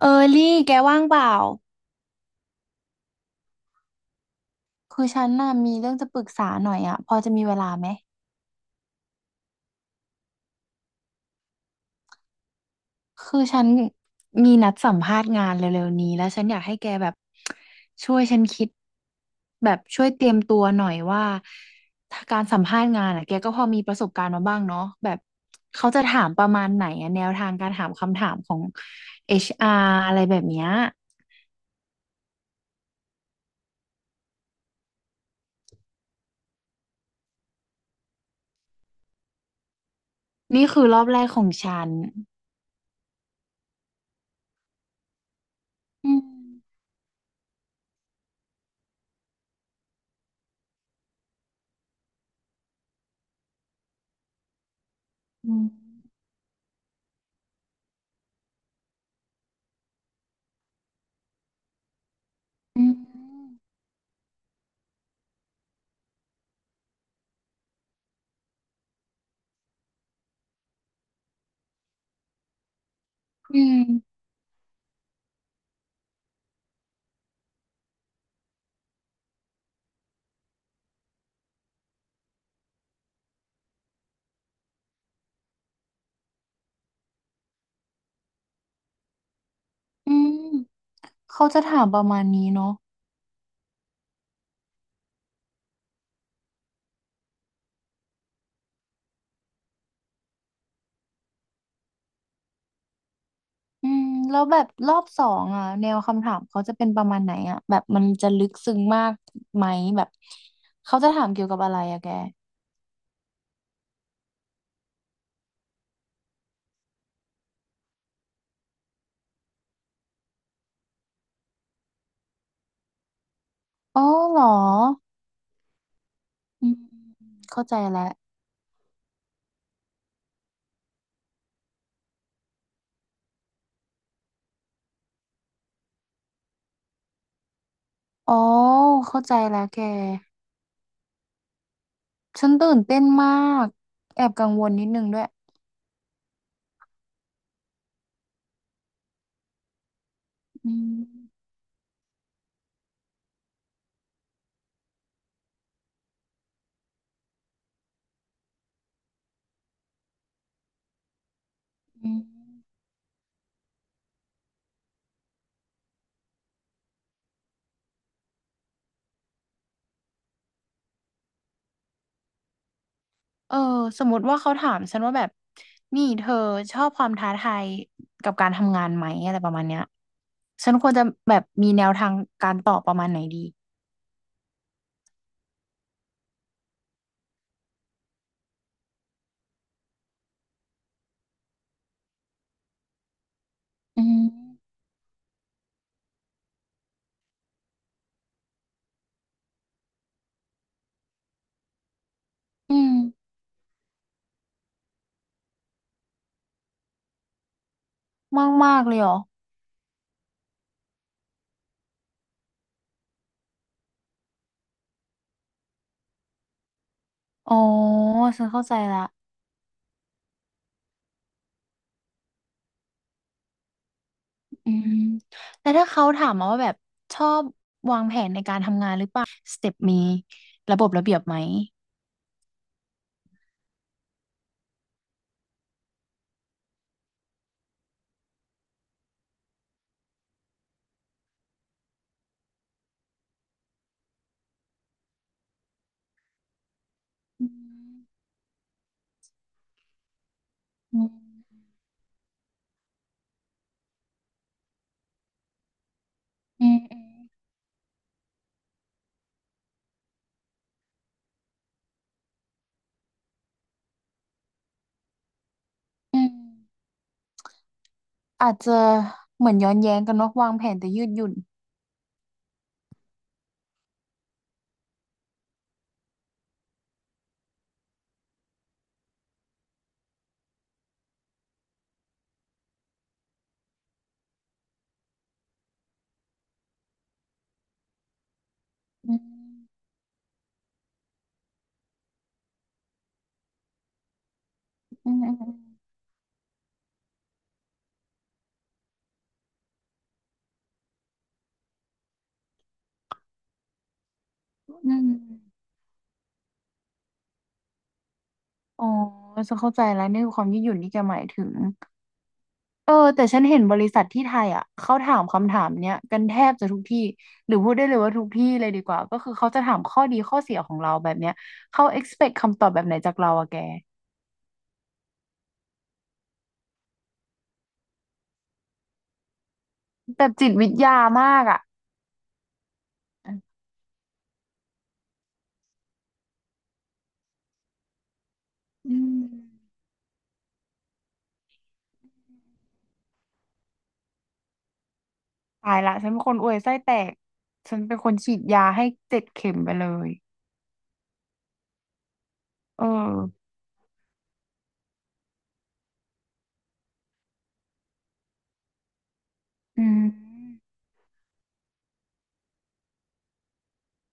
เออลี่ แกว่างเปล่า คือฉันน่ะมีเรื่องจะปรึกษาหน่อยอ่ะพอจะมีเวลาไหม คือฉันมีนัดสัมภาษณ์งานเร็วๆนี้แล้วฉันอยากให้แกแบบช่วยฉันคิดแบบช่วยเตรียมตัวหน่อยว่าถ้าการสัมภาษณ์งานอ่ะแกก็พอมีประสบการณ์มาบ้างเนาะแบบเขาจะถามประมาณไหนอะแนวทางการถามคำถามของ HR อชอาร์อะไรแบบเนี้ยนี่คือรอบแรกของฉันอืมอืมอืมอืมอืม เขาจะถามประมาณนี้เนาะอืมแล้วแบบรอบสองอ่ะแนวคำถามเขาจะเป็นประมาณไหนอ่ะแบบมันจะลึกซึ้งมากไหมแบบเขาจะถามเกี่ยวกับอะไรอะแกอ๋อเหรออืมเข้าใจแล้วอ๋อเข้าใจแล้วแกฉันตื่นเต้นมากแอบกังวลนิดนึงด้วยอืมอืม เออสมมติว่าเขาถามฉันว่าแบบนี่เธอชอบความท้าทายกับการทำงานไหมอะไรประมาณเนี้ยฉันควรจะแบบมีแนวทางการตอบประมาณไหนดีอืมอืมมากมากเลยเหรออ๋อฉันเข้าใจละอืมแต่ถ้าเขาถามมาว่าแบบชอบสเต็ปมีระบบระเบียบไหมอืมอืมอืมอืมอืมอาจจะเหมือนย้อนแย้งกันเนอะวางแผนแต่ยืดหยุ่น อืมอืมอืมอืมอ๋อจะเข้าใจแล้วนี่คือความยืดหยุ่นที่แกหมายถึงเออแต่ฉันเห็นบริษัทที่ไทยอ่ะเขาถามคำถามเนี้ยกันแทบจะทุกที่หรือพูดได้เลยว่าทุกที่เลยดีกว่าก็คือเขาจะถามข้อดีข้อเสียของเราแบบเนี้ยเขา expect คำตอบแบบไหนจากเราอะแกแบบจิตวิทยามากอ่ะอืมตายละฉันเป็นคนอวยไส้แตกฉันเป็นคนฉีดยาให้เจ็ดเข็มไปเลยเอออืม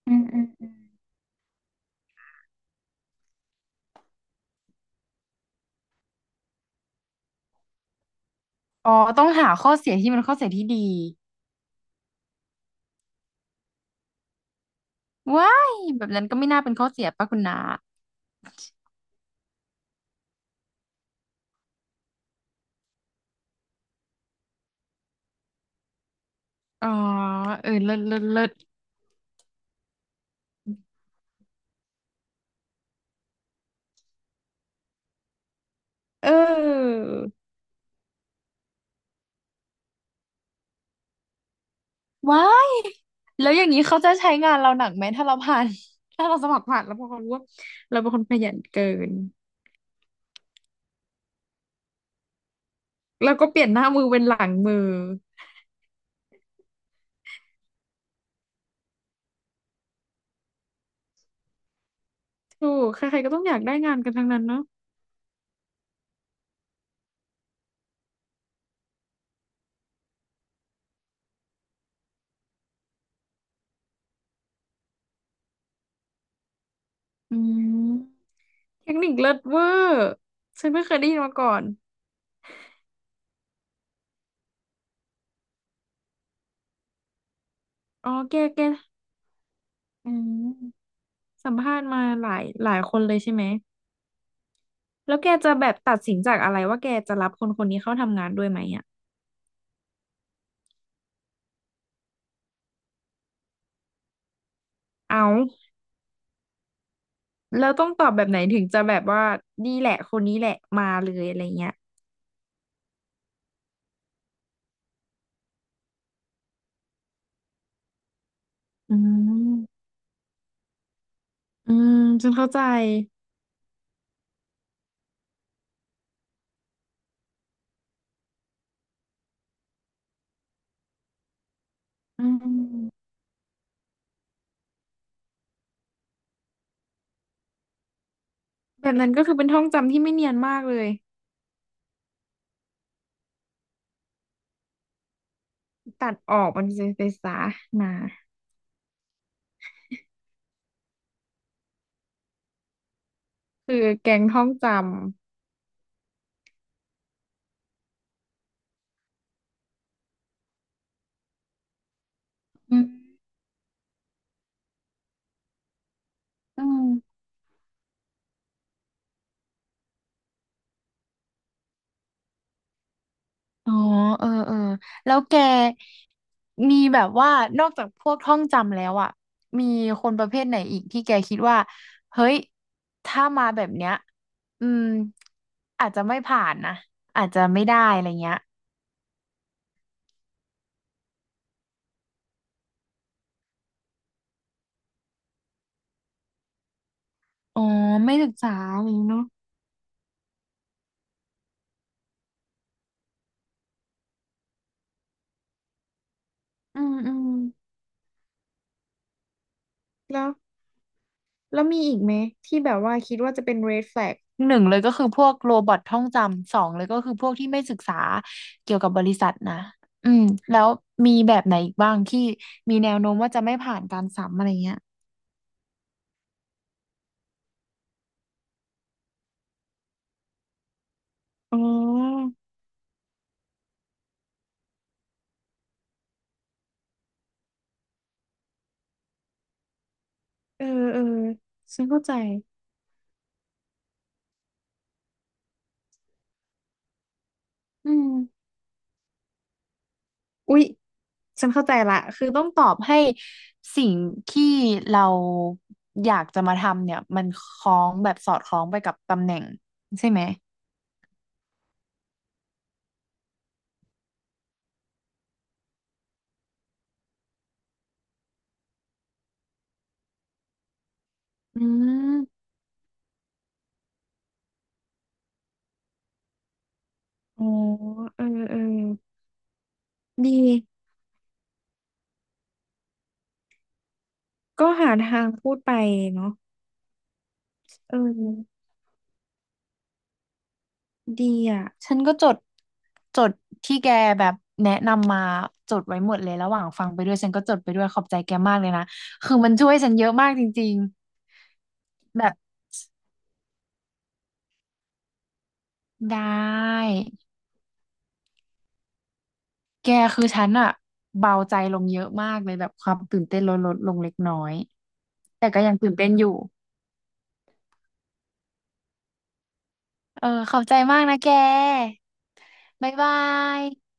อืมอืมอืม อ๋อต้องหาข้อเสียที่มันข้อเสียที่ดีว้ายแบบนั้นก็ไม่น่าเป็นข้อเสียป่ะคุณนาอ๋อเออเลิศเลิศเลิศเออว้ายแล้วอย่างนี้เขาจะใช้งานเราหนักไหมถ้าเราผ่าน ถ้าเราสมัครผ่านแล้วพอเขารู้ว่าเราเป็นคนขยันเกินแล้วก็เปลี่ยนหน้ามือเป็นหลังมือถูกใครๆก็ต้องอยากได้งานกันทั้งนั้นเนาะอืมเทคนิคเลิศเวอร์ฉันไม่เคยได้ยินมาก่อนอ๋อแกแกอืมสัมภาษณ์มาหลายหลายคนเลยใช่ไหม แล้วแกจะแบบตัดสินจากอะไรว่าแกจะรับคนคนนี้เข้าทำงานด้วยไหมอ่ะเอาแล้วต้องตอบแบบไหนถึงจะแบบว่านี่แหละคนนี้แหละมาเลยอะไรเงี้ยอืมอืมฉันเข้าใจอืมแบบนั้นก็คือเป็นท่องจำที่ไม่เนียนมากเลยตัดออกมันจะไปซะนะคือแกงท่องจำอืมอืม อ๋อเออเออแล้วแกมีแบบว่านอกจากพวกท่องจำแล้วอ่ะมีคนประเภทไหนอีกที่แกคิดว่า เฮ้ย ถ้ามาแบบเนี้ยอืมอาจจะไม่ผ่านนะ อาจจะไม่ได้อะไรเงี้ยอ๋อไม่ศึกษาอะไรอย่างงี้เนาะอืมอืมแล้ว แล้วมีอีกไหมที่แบบว่าคิดว่าจะเป็น red flag หนึ่งเลยก็คือพวกโรบอทท่องจำ สองเลยก็คือพวกที่ไม่ศึกษาเกี่ยวกับบริษัทนะ อืมแล้วมีแบบไหนอีกบ้างที่มีแนวโน้มว่าจะไม่ผ่านการสัมอะไรเงี้ยอ๋อ เออ เออฉันเข้าใจ อืมอุ๊ยฉันเข้าใจละ คือต้องตอบให้สิ่งที่เราอยากจะมาทำเนี่ยมันคล้องแบบสอดคล้องไปกับตำแหน่งใช่ไหมอืม อ๋อ เออเออดี ก็หาทางพูดไปเนาะเออดีอ่ะฉันก็จดจดที่แกแบบแนะนำมาจดไว้หมดเลยระหว่างฟังไปด้วย ฉันก็จดไปด้วยขอบใจแกมากเลยนะคือมันช่วยฉันเยอะมากจริงๆ แบบได้ แกคือฉันอะเบาใจลงเยอะมากเลยแบบความตื่นเต้นลดลดลงเล็กน้อย แต่ก็ยังตื่นเต้นอยู่เออขอบใจมากนะแกบ๊ายบาย